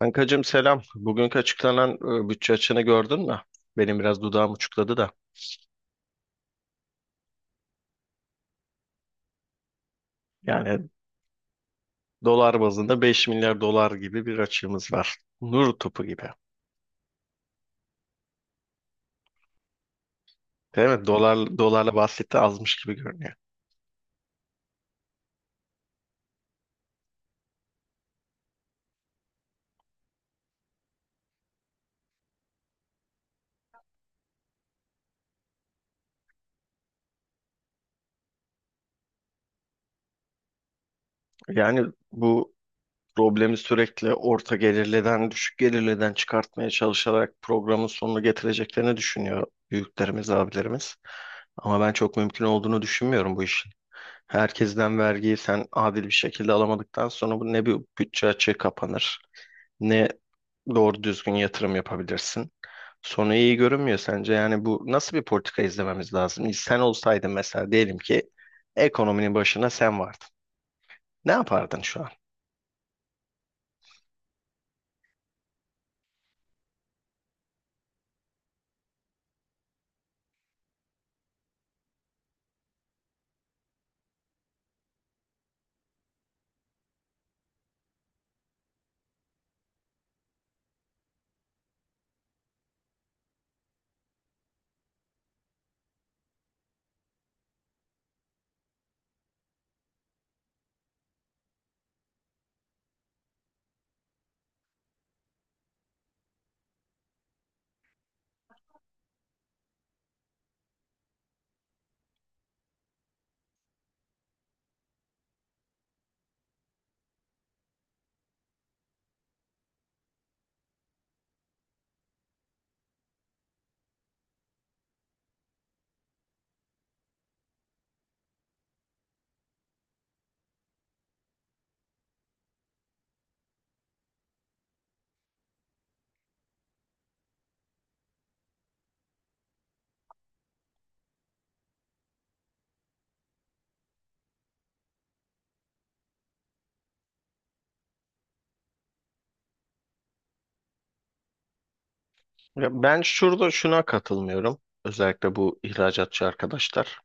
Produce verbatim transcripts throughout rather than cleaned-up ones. Kankacığım selam. Bugünkü açıklanan e, bütçe açığını gördün mü? Benim biraz dudağım uçukladı da. Yani dolar bazında beş milyar dolar gibi bir açığımız var. Nur topu gibi. Değil mi? Dolar, dolarla bahsetti azmış gibi görünüyor. Yani bu problemi sürekli orta gelirliden, düşük gelirliden çıkartmaya çalışarak programın sonunu getireceklerini düşünüyor büyüklerimiz, abilerimiz. Ama ben çok mümkün olduğunu düşünmüyorum bu işin. Herkesten vergiyi sen adil bir şekilde alamadıktan sonra bu ne bir bütçe açığı kapanır, ne doğru düzgün yatırım yapabilirsin. Sonu iyi görünmüyor sence. Yani bu nasıl bir politika izlememiz lazım? Sen olsaydın mesela diyelim ki ekonominin başına sen vardın. Ne yapardın şu an? Ya ben şurada şuna katılmıyorum. Özellikle bu ihracatçı arkadaşlar.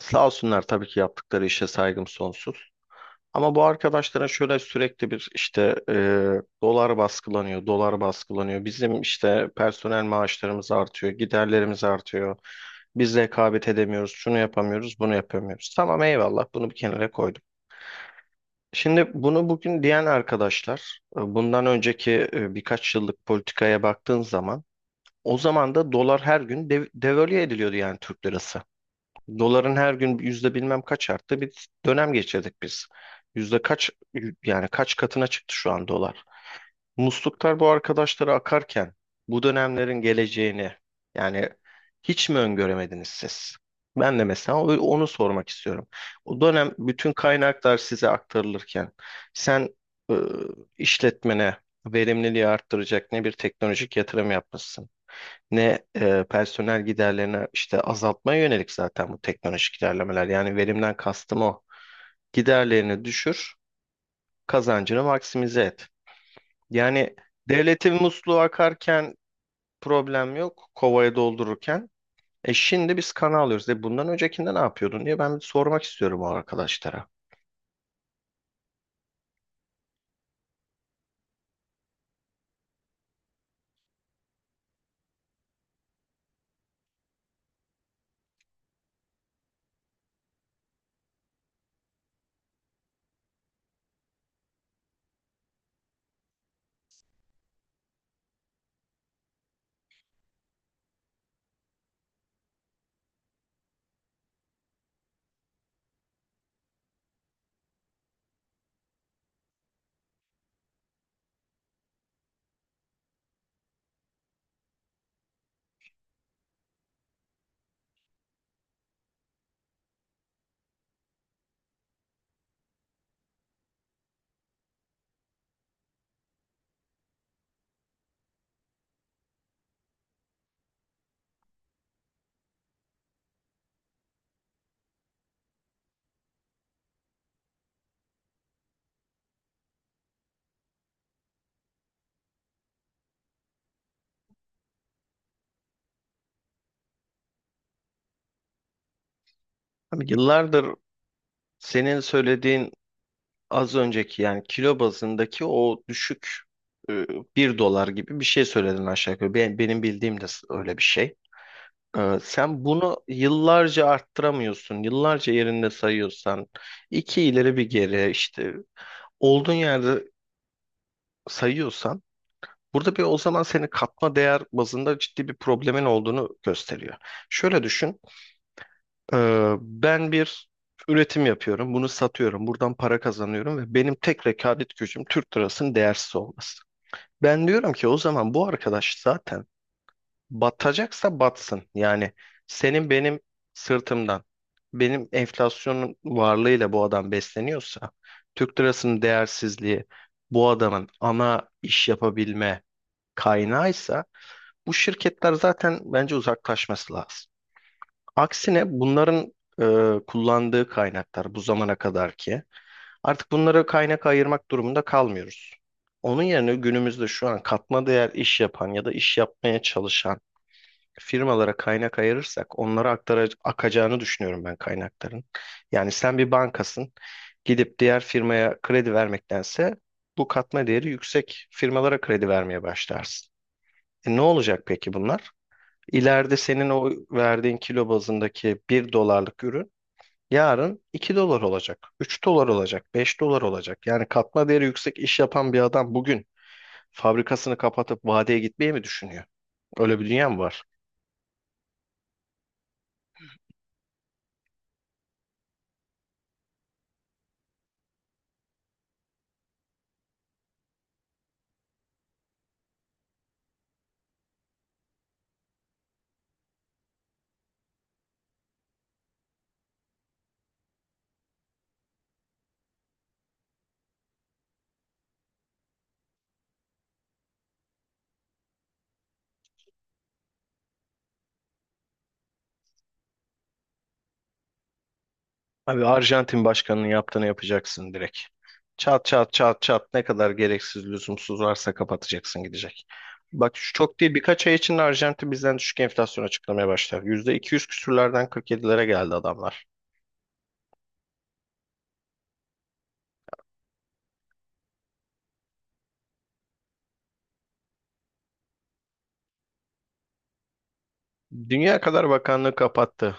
Sağ olsunlar tabii ki yaptıkları işe saygım sonsuz. Ama bu arkadaşlara şöyle sürekli bir işte e, dolar baskılanıyor, dolar baskılanıyor. Bizim işte personel maaşlarımız artıyor, giderlerimiz artıyor. Biz rekabet edemiyoruz, şunu yapamıyoruz, bunu yapamıyoruz. Tamam eyvallah bunu bir kenara koydum. Şimdi bunu bugün diyen arkadaşlar, e, bundan önceki e, birkaç yıllık politikaya baktığın zaman o zaman da dolar her gün dev- devalüe ediliyordu yani Türk lirası. Doların her gün yüzde bilmem kaç arttı bir dönem geçirdik biz. Yüzde kaç yani kaç katına çıktı şu an dolar. Musluklar bu arkadaşlara akarken bu dönemlerin geleceğini yani hiç mi öngöremediniz siz? Ben de mesela o- onu sormak istiyorum. O dönem bütün kaynaklar size aktarılırken sen e, işletmene verimliliği arttıracak ne bir teknolojik yatırım yapmışsın ne e, personel giderlerini işte azaltmaya yönelik zaten bu teknolojik ilerlemeler. Yani verimden kastım o. Giderlerini düşür, kazancını maksimize et. Yani devletin musluğu akarken problem yok, kovaya doldururken. E şimdi biz kana alıyoruz. E bundan öncekinde ne yapıyordun diye ben bir sormak istiyorum o arkadaşlara. Abi yıllardır senin söylediğin az önceki yani kilo bazındaki o düşük e, bir dolar gibi bir şey söyledin aşağı yukarı. Ben- Benim bildiğim de öyle bir şey. Ee, Sen bunu yıllarca arttıramıyorsun. Yıllarca yerinde sayıyorsan, iki ileri bir geri işte olduğun yerde sayıyorsan, burada bir o zaman senin katma değer bazında ciddi bir problemin olduğunu gösteriyor. Şöyle düşün, ee, ben bir üretim yapıyorum, bunu satıyorum, buradan para kazanıyorum ve benim tek rekabet gücüm Türk lirasının değersiz olması. Ben diyorum ki o zaman bu arkadaş zaten batacaksa batsın. Yani senin benim sırtımdan, benim enflasyonun varlığıyla bu adam besleniyorsa, Türk lirasının değersizliği bu adamın ana iş yapabilme kaynağıysa, bu şirketler zaten bence uzaklaşması lazım. Aksine bunların e, kullandığı kaynaklar bu zamana kadar ki artık bunlara kaynak ayırmak durumunda kalmıyoruz. Onun yerine günümüzde şu an katma değer iş yapan ya da iş yapmaya çalışan firmalara kaynak ayırırsak onlara aktara, akacağını düşünüyorum ben kaynakların. Yani sen bir bankasın gidip diğer firmaya kredi vermektense bu katma değeri yüksek firmalara kredi vermeye başlarsın. E ne olacak peki bunlar? İleride senin o verdiğin kilo bazındaki bir dolarlık ürün yarın iki dolar olacak, üç dolar olacak, beş dolar olacak. Yani katma değeri yüksek iş yapan bir adam bugün fabrikasını kapatıp vadeye gitmeyi mi düşünüyor? Öyle bir dünya mı var? Abi Arjantin başkanının yaptığını yapacaksın direkt. Çat çat çat çat ne kadar gereksiz lüzumsuz varsa kapatacaksın gidecek. Bak şu çok değil birkaç ay içinde Arjantin bizden düşük enflasyon açıklamaya başlar. Yüzde iki yüz küsürlerden kırk yedilere geldi adamlar. Dünya kadar bakanlığı kapattı.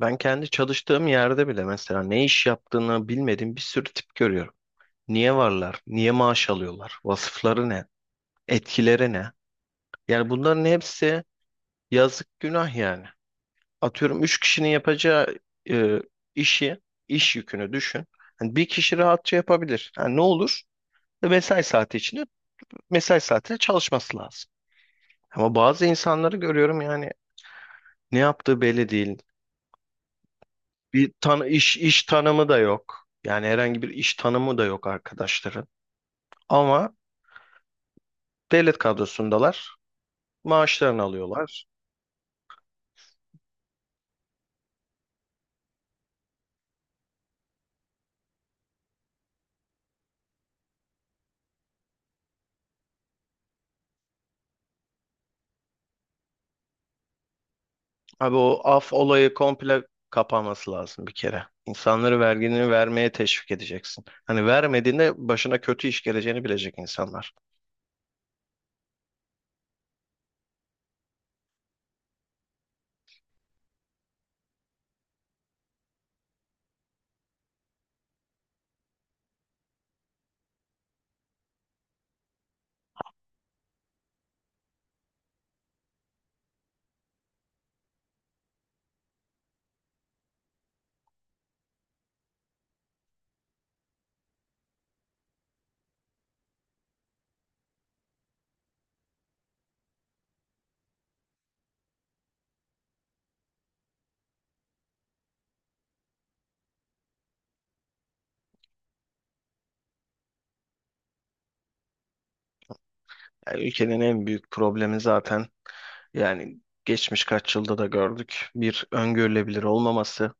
Ben kendi çalıştığım yerde bile mesela ne iş yaptığını bilmediğim bir sürü tip görüyorum. Niye varlar? Niye maaş alıyorlar? Vasıfları ne? Etkileri ne? Yani bunların hepsi yazık günah yani. Atıyorum üç kişinin yapacağı e, işi, iş yükünü düşün. Hani bir kişi rahatça yapabilir. Yani ne olur? Mesai saati içinde mesai saatinde çalışması lazım. Ama bazı insanları görüyorum yani ne yaptığı belli değil. Bir tan iş iş tanımı da yok. Yani herhangi bir iş tanımı da yok arkadaşların. Ama devlet kadrosundalar. Maaşlarını alıyorlar. Abi o af olayı komple kapanması lazım bir kere. İnsanları vergini vermeye teşvik edeceksin. Hani vermediğinde başına kötü iş geleceğini bilecek insanlar. Yani ülkenin en büyük problemi zaten yani geçmiş kaç yılda da gördük. Bir öngörülebilir olmaması,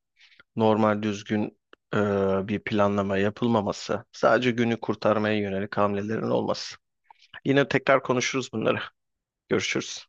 normal düzgün e, bir planlama yapılmaması, sadece günü kurtarmaya yönelik hamlelerin olması. Yine tekrar konuşuruz bunları. Görüşürüz.